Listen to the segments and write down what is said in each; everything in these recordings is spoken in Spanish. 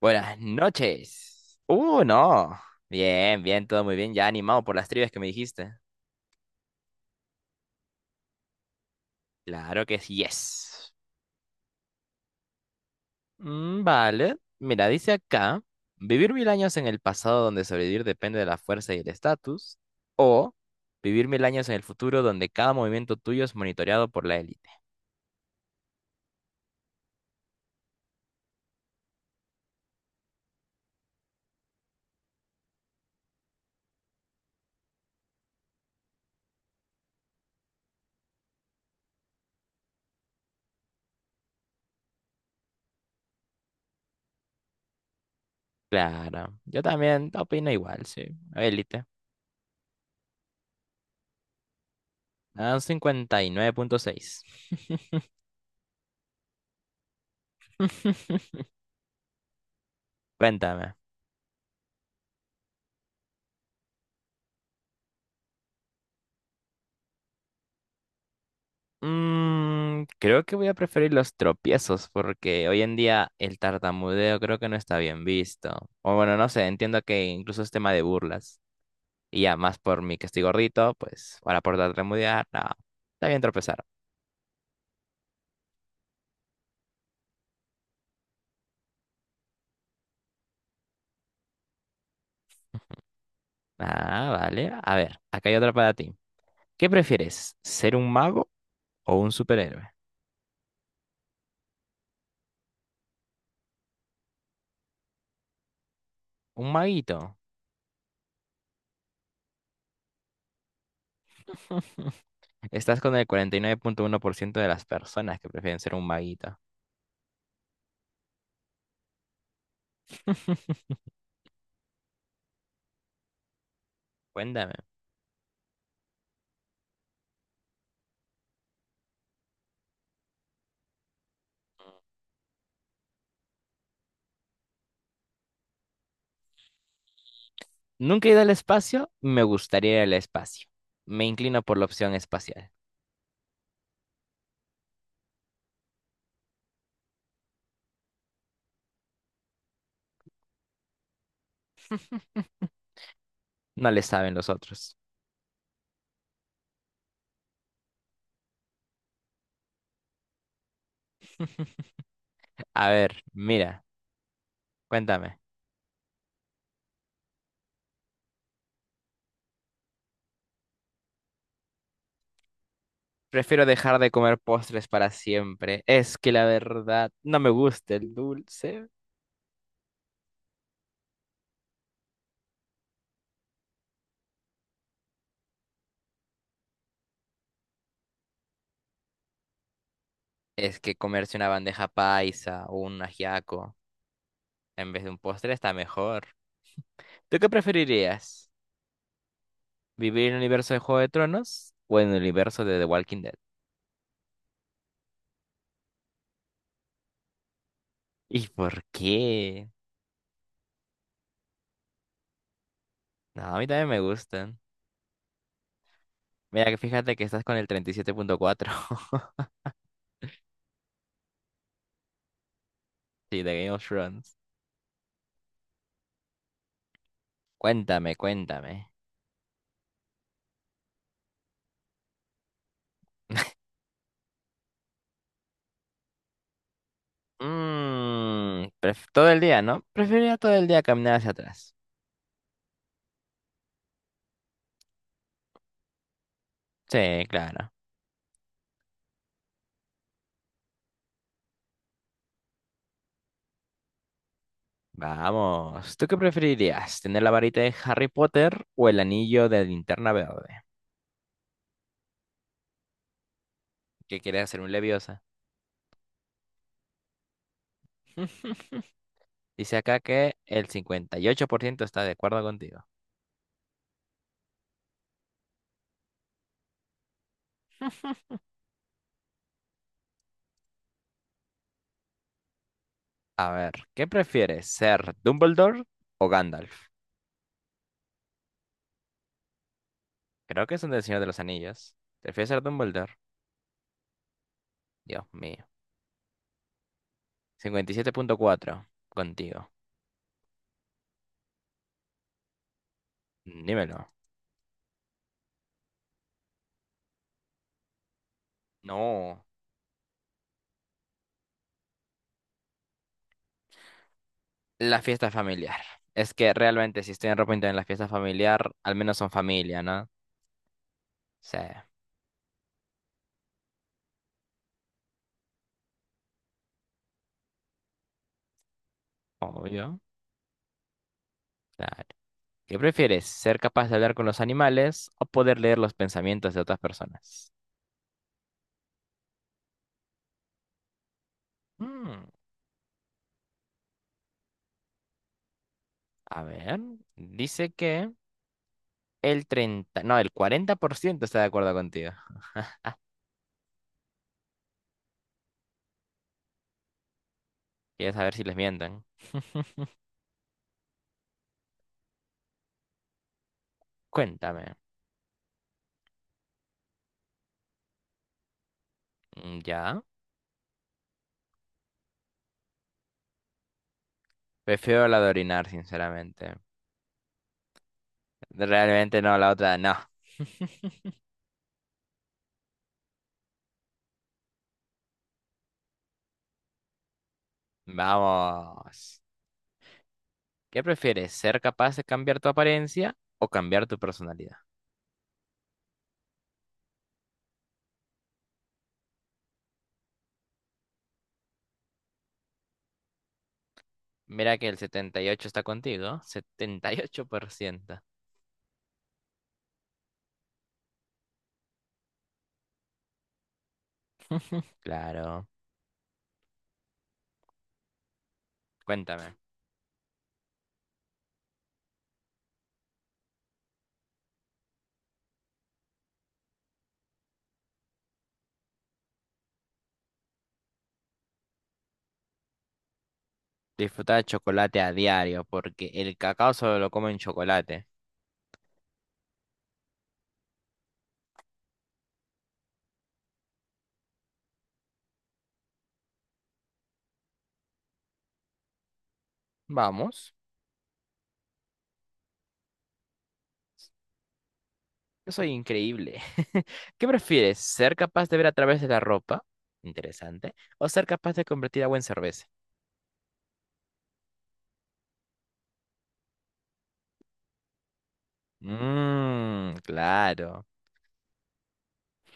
Buenas noches. No. Bien, bien, todo muy bien. Ya animado por las trivias que me dijiste. Claro que sí, yes. Mm, vale. Mira, dice acá, vivir 1000 años en el pasado donde sobrevivir depende de la fuerza y el estatus, o vivir 1000 años en el futuro donde cada movimiento tuyo es monitoreado por la élite. Claro, yo también opino igual, sí. Élite. Ah, un 59.6. Cuéntame. Creo que voy a preferir los tropiezos porque hoy en día el tartamudeo creo que no está bien visto. O bueno, no sé, entiendo que incluso es tema de burlas. Y ya más por mí que estoy gordito, pues ahora por tartamudear, no, está bien tropezar. Ah, vale. A ver, acá hay otra para ti. ¿Qué prefieres, ser un mago o un superhéroe? Un maguito. Estás con el 49.1% de las personas que prefieren ser un maguito. Cuéntame. Nunca he ido al espacio, me gustaría ir al espacio. Me inclino por la opción espacial. No le saben los otros. A ver, mira, cuéntame. Prefiero dejar de comer postres para siempre. Es que la verdad no me gusta el dulce. Es que comerse una bandeja paisa o un ajiaco en vez de un postre está mejor. ¿Tú qué preferirías? ¿Vivir en el universo de Juego de Tronos o en el universo de The Walking Dead? ¿Y por qué? No, a mí también me gustan. Mira, que fíjate que estás con el 37.4. Sí, de Game of Thrones. Cuéntame, cuéntame. Mm, Todo el día, ¿no? Preferiría todo el día caminar hacia atrás. Sí, claro. Vamos. ¿Tú qué preferirías? ¿Tener la varita de Harry Potter o el anillo de linterna verde? ¿Qué quieres hacer un Leviosa? Dice acá que el 58% está de acuerdo contigo. A ver, ¿qué prefieres? ¿Ser Dumbledore o Gandalf? Creo que es un del Señor de los Anillos. ¿Prefieres ser Dumbledore? Dios mío. 57.4 contigo. Dímelo. No. La fiesta familiar. Es que realmente si estoy en ropa interior en la fiesta familiar, al menos son familia, ¿no? O sea, obvio. Claro. ¿Qué prefieres? ¿Ser capaz de hablar con los animales o poder leer los pensamientos de otras personas? Mm, a ver. Dice que el 30, no, el 40% está de acuerdo contigo. Quieres saber si les mientan. Cuéntame. Mm, ya. Prefiero la de orinar, sinceramente. Realmente no, la otra no. Vamos. ¿Qué prefieres? ¿Ser capaz de cambiar tu apariencia o cambiar tu personalidad? Mira que el 78 está contigo. 78%. Claro. Cuéntame. Disfrutar chocolate a diario porque el cacao solo lo como en chocolate. Vamos. Yo soy increíble. ¿Qué prefieres? ¿Ser capaz de ver a través de la ropa? Interesante. ¿O ser capaz de convertir agua en cerveza? Mmm, claro.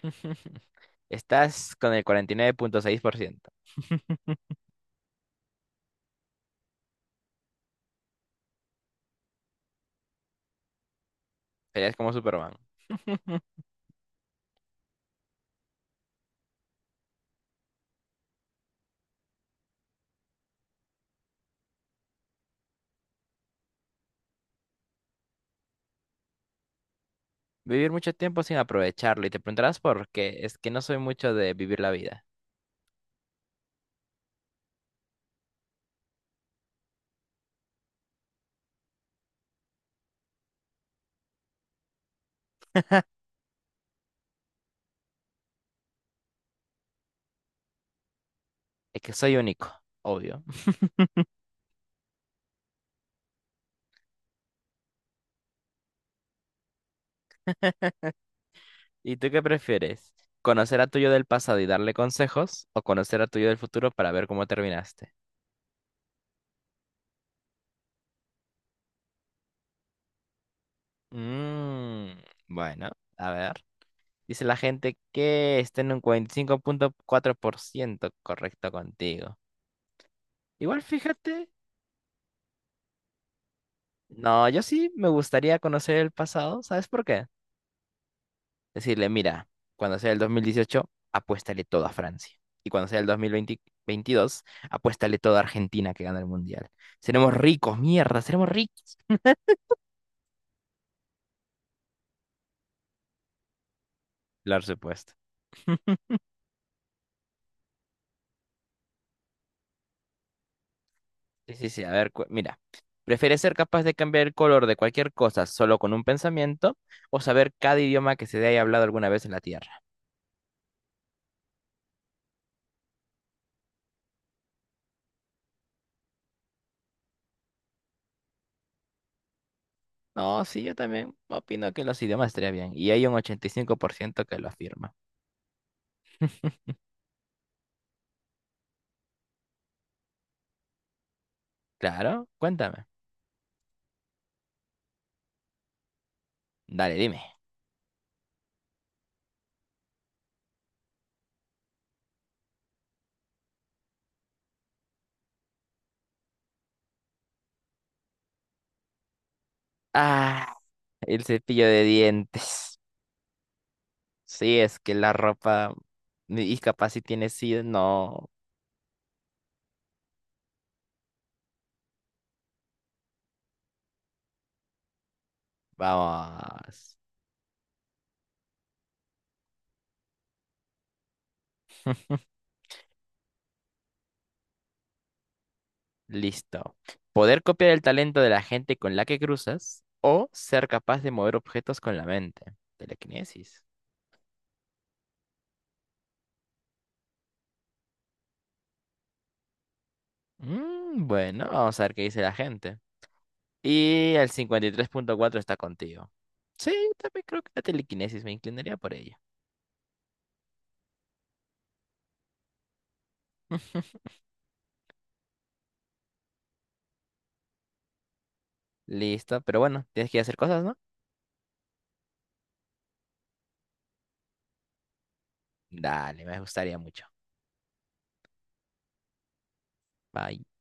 Estás con el 49.6%. Serías como Superman. Vivir mucho tiempo sin aprovecharlo. Y te preguntarás por qué. Es que no soy mucho de vivir la vida. Es que soy único, obvio. ¿Y tú qué prefieres? ¿Conocer a tuyo del pasado y darle consejos? ¿O conocer a tuyo del futuro para ver cómo terminaste? Mm, bueno, a ver. Dice la gente que está en un 45.4% correcto contigo. Igual fíjate. No, yo sí me gustaría conocer el pasado. ¿Sabes por qué? Decirle, mira, cuando sea el 2018, apuéstale todo a Francia. Y cuando sea el 2022, apuéstale todo a Argentina que gana el Mundial. Seremos ricos, mierda, seremos ricos. Claro, supuesto. Sí, sí, sí, a ver, mira, ¿prefieres ser capaz de cambiar el color de cualquier cosa solo con un pensamiento o saber cada idioma que se haya hablado alguna vez en la Tierra? No, sí, yo también opino que los idiomas estaría bien y hay un 85% que lo afirma. Claro, cuéntame. Dale, dime. Ah, el cepillo de dientes. Sí, es que la ropa. Y capaz si tiene SIDA, no. Vamos. Listo. Poder copiar el talento de la gente con la que cruzas o ser capaz de mover objetos con la mente. Telequinesis. Mm, bueno, vamos a ver qué dice la gente. Y el 53.4 está contigo. Sí, yo también creo que la telequinesis me inclinaría por ella. Listo, pero bueno, tienes que ir a hacer cosas, ¿no? Dale, me gustaría mucho. Bye.